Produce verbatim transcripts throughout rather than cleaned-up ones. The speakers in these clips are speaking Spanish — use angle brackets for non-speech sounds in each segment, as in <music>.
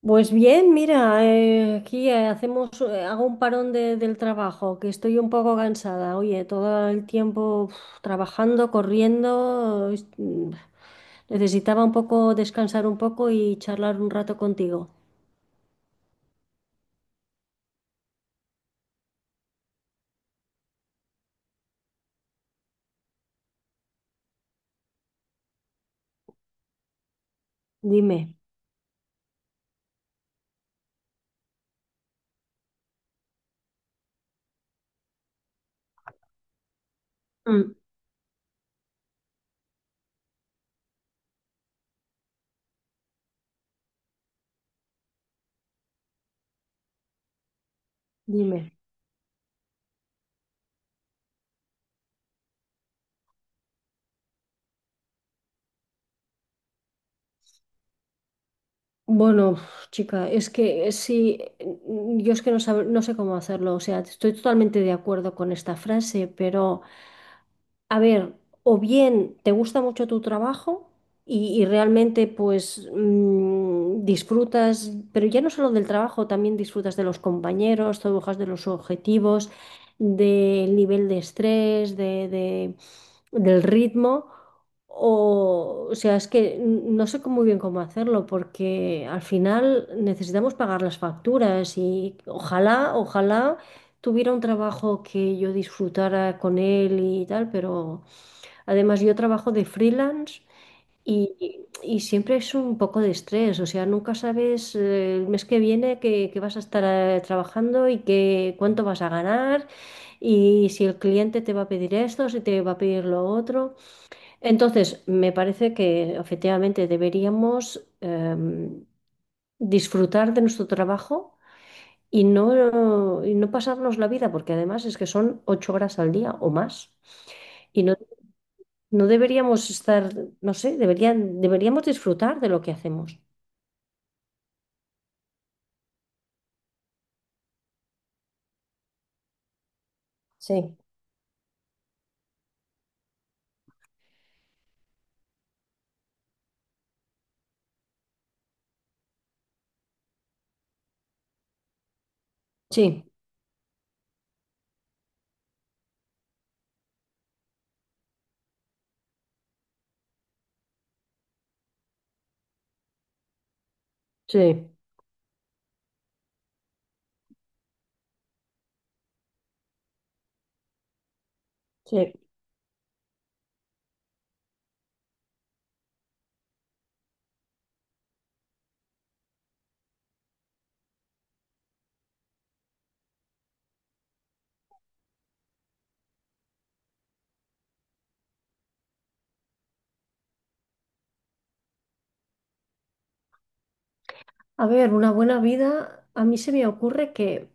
Pues bien, mira, eh, aquí eh, hacemos, eh, hago un parón de- del trabajo, que estoy un poco cansada. Oye, todo el tiempo uf, trabajando, corriendo, es- mm, necesitaba un poco descansar un poco y charlar un rato contigo. Dime. Mm. Dime. Bueno, uf, chica, es que eh, sí, eh, yo es que no sab- no sé cómo hacerlo. O sea, estoy totalmente de acuerdo con esta frase, pero a ver, o bien te gusta mucho tu trabajo y, y realmente pues mm, disfrutas, pero ya no solo del trabajo, también disfrutas de los compañeros, te bajas de los objetivos, del nivel de estrés, de, de- del ritmo. O, o sea, es que n- no sé cómo, muy bien cómo hacerlo porque al final necesitamos pagar las facturas y ojalá, ojalá tuviera un trabajo que yo disfrutara con él y tal, pero además yo trabajo de freelance y, y siempre es un poco de estrés, o sea, nunca sabes eh, el mes que viene que, que vas a estar eh, trabajando y que, cuánto vas a ganar y si el cliente te va a pedir esto, si te va a pedir lo otro. Entonces, me parece que efectivamente deberíamos em, disfrutar de nuestro trabajo y no, y no pasarnos la vida, porque además es que son ocho horas al día o más. Y no, no deberíamos estar, no sé, deberían, deberíamos disfrutar de lo que hacemos. Sí. Sí, sí. Sí. A ver, una buena vida, a mí se me ocurre que,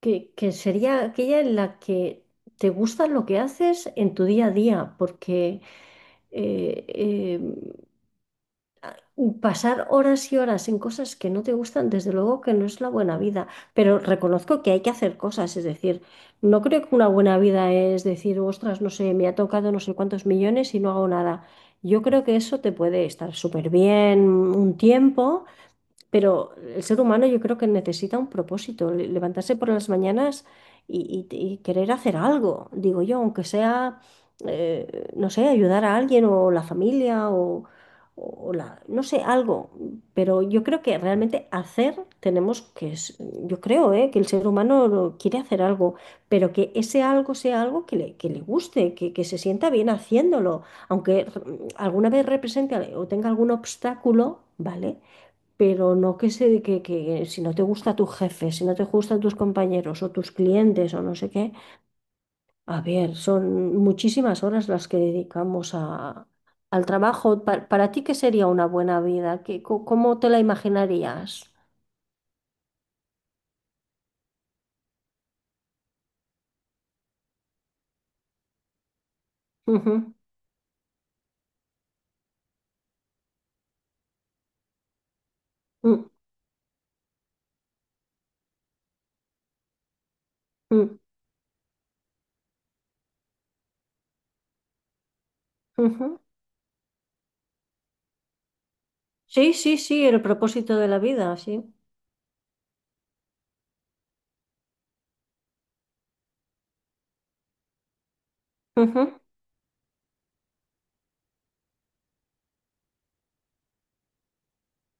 que, que sería aquella en la que te gusta lo que haces en tu día a día, porque eh, pasar horas y horas en cosas que no te gustan, desde luego que no es la buena vida, pero reconozco que hay que hacer cosas, es decir, no creo que una buena vida es decir, ostras, no sé, me ha tocado no sé cuántos millones y no hago nada. Yo creo que eso te puede estar súper bien un tiempo, pero el ser humano yo creo que necesita un propósito, le- levantarse por las mañanas y, y- y querer hacer algo, digo yo, aunque sea, eh, no sé, ayudar a alguien o la familia o, o la, no sé, algo. Pero yo creo que realmente hacer tenemos que, es- yo creo, eh, que el ser humano lo- quiere hacer algo, pero que ese algo sea algo que le, que le guste, que, que se sienta bien haciéndolo, aunque mm, alguna vez represente o tenga algún obstáculo, ¿vale? Pero no que se, que, que si no te gusta tu jefe, si no te gustan tus compañeros o tus clientes o no sé qué, a ver, son muchísimas horas las que dedicamos a, al trabajo. Pa- para ti, ¿qué sería una buena vida? ¿Qué, co- cómo te la imaginarías? Ujú. Mm. Mm. Ujú. Sí, sí, sí, el propósito de la vida, sí. Ujú.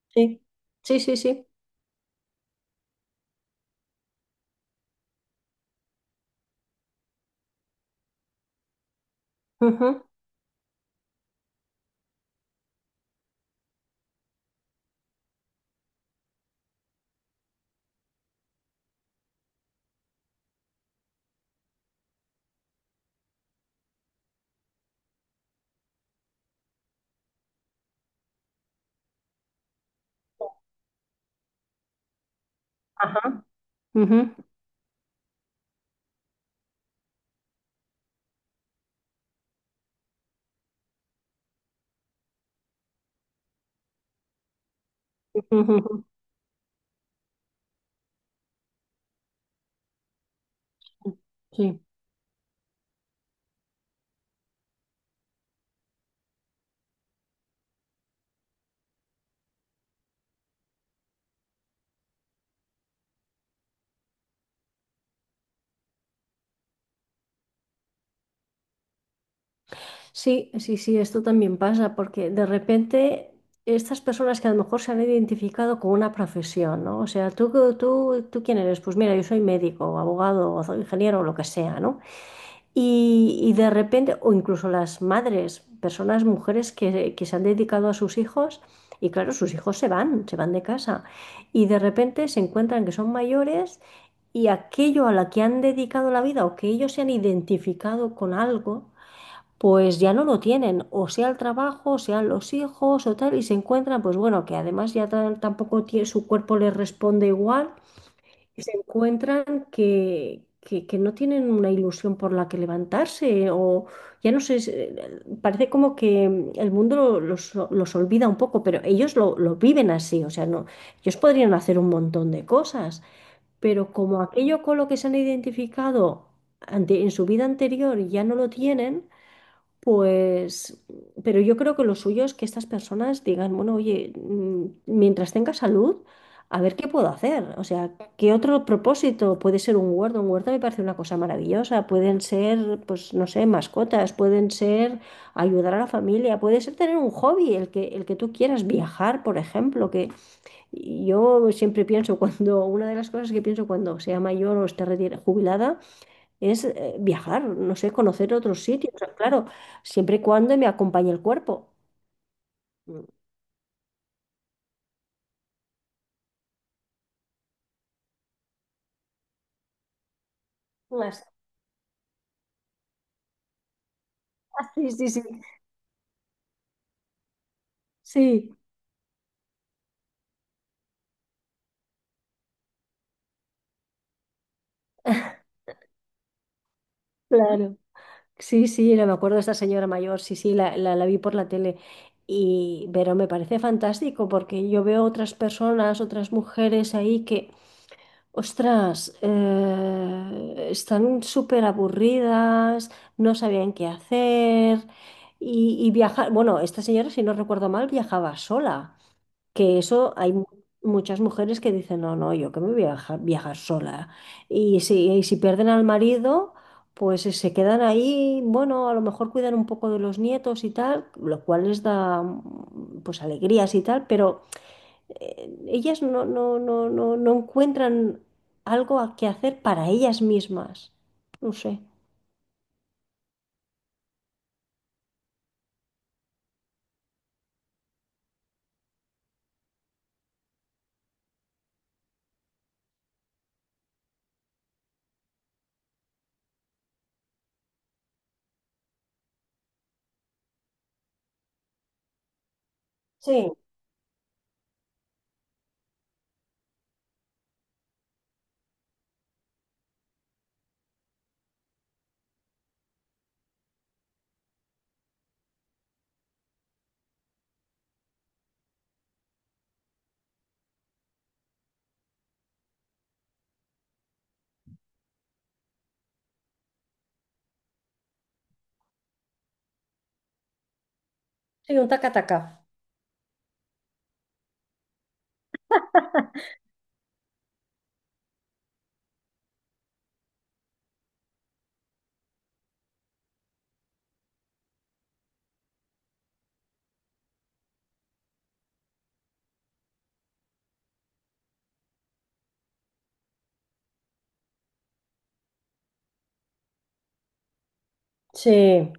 Sí, sí, sí, sí. Ujú. Ajá. Ujú, ujú, ujú, ujú. Sí. Sí, sí, sí, esto también pasa, porque de repente estas personas que a lo mejor se han identificado con una profesión, ¿no? O sea, ¿tú, qué- tú, tú quién eres? Pues mira, yo soy médico, o abogado, o soy ingeniero, o lo que sea, ¿no? Y, y de repente, o incluso las madres, personas, mujeres que, que se han dedicado a sus hijos, y claro, sus hijos se van, se van de casa, y de repente se encuentran que son mayores y aquello a la que han dedicado la vida o que ellos se han identificado con algo pues ya no lo tienen, o sea el trabajo, o sean los hijos o tal, y se encuentran, pues bueno, que además ya tan- tampoco tie- su cuerpo les responde igual, y se encuentran que, que, que no tienen una ilusión por la que levantarse, o ya no sé, se- parece como que mm, el mundo lo- los, los olvida un poco, pero ellos lo, lo viven así, o sea, no, ellos podrían hacer un montón de cosas, pero como aquello con lo que se han identificado ante- en su vida anterior ya no lo tienen, pues, pero yo creo que lo suyo es que estas personas digan, bueno, oye, mm, mientras tenga salud, a ver qué puedo hacer. O sea, ¿qué otro propósito? Puede ser un huerto. Un huerto me parece una cosa maravillosa. Pueden ser, pues, no sé, mascotas, pueden ser ayudar a la familia, puede ser tener un hobby, el que, el que tú quieras, viajar, por ejemplo, que yo siempre pienso cuando, <laughs> una de las cosas que pienso cuando sea mayor o esté retira- jubilada, es eh, viajar, no sé, conocer otros sitios, claro, siempre y cuando me acompañe el cuerpo. Mm. Las- <laughs> Sí, sí, sí, sí, <laughs> claro. Sí, sí, no me acuerdo de esta señora mayor, sí, sí, la, la, la vi por la tele. Y, pero me parece fantástico porque yo veo otras personas, otras mujeres ahí que, ostras, eh, están súper aburridas, no sabían qué hacer y, y viajar. Bueno, esta señora, si no recuerdo mal, viajaba sola. Que eso hay mu- muchas mujeres que dicen, no, no, yo que me voy a viajar, viajar sola. Y si, y si pierden al marido, pues eh, se quedan ahí, bueno, a lo mejor cuidan un poco de los nietos y tal, lo cual les da mm, pues alegrías y tal, pero eh, ellas no, no, no, no, no encuentran algo a que hacer para ellas mismas. No sé. Sí, sí, un taca-taca. Sí.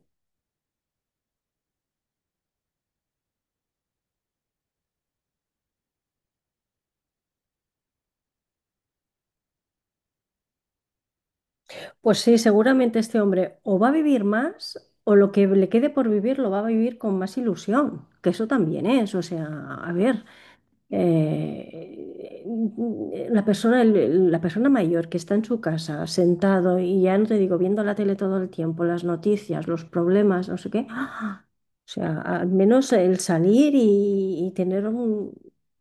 Pues sí, seguramente este hombre o va a vivir más o lo que le quede por vivir lo va a vivir con más ilusión, que eso también es, o sea, a ver, eh, la persona, el- la persona mayor que está en su casa sentado y ya no te digo, viendo la tele todo el tiempo, las noticias, los problemas, no sé qué, ¡ah! O sea, al menos el salir y, y tener un,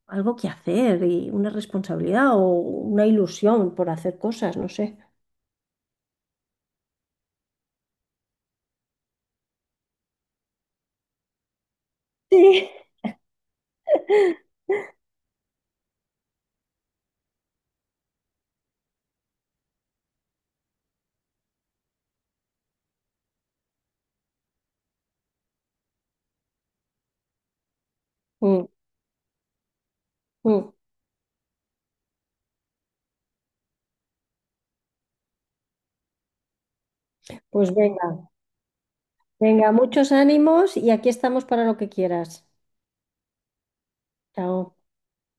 algo que hacer y una responsabilidad o una ilusión por hacer cosas, no sé. Sí. Mm. Mm. Pues venga, venga, muchos ánimos y aquí estamos para lo que quieras. Chao.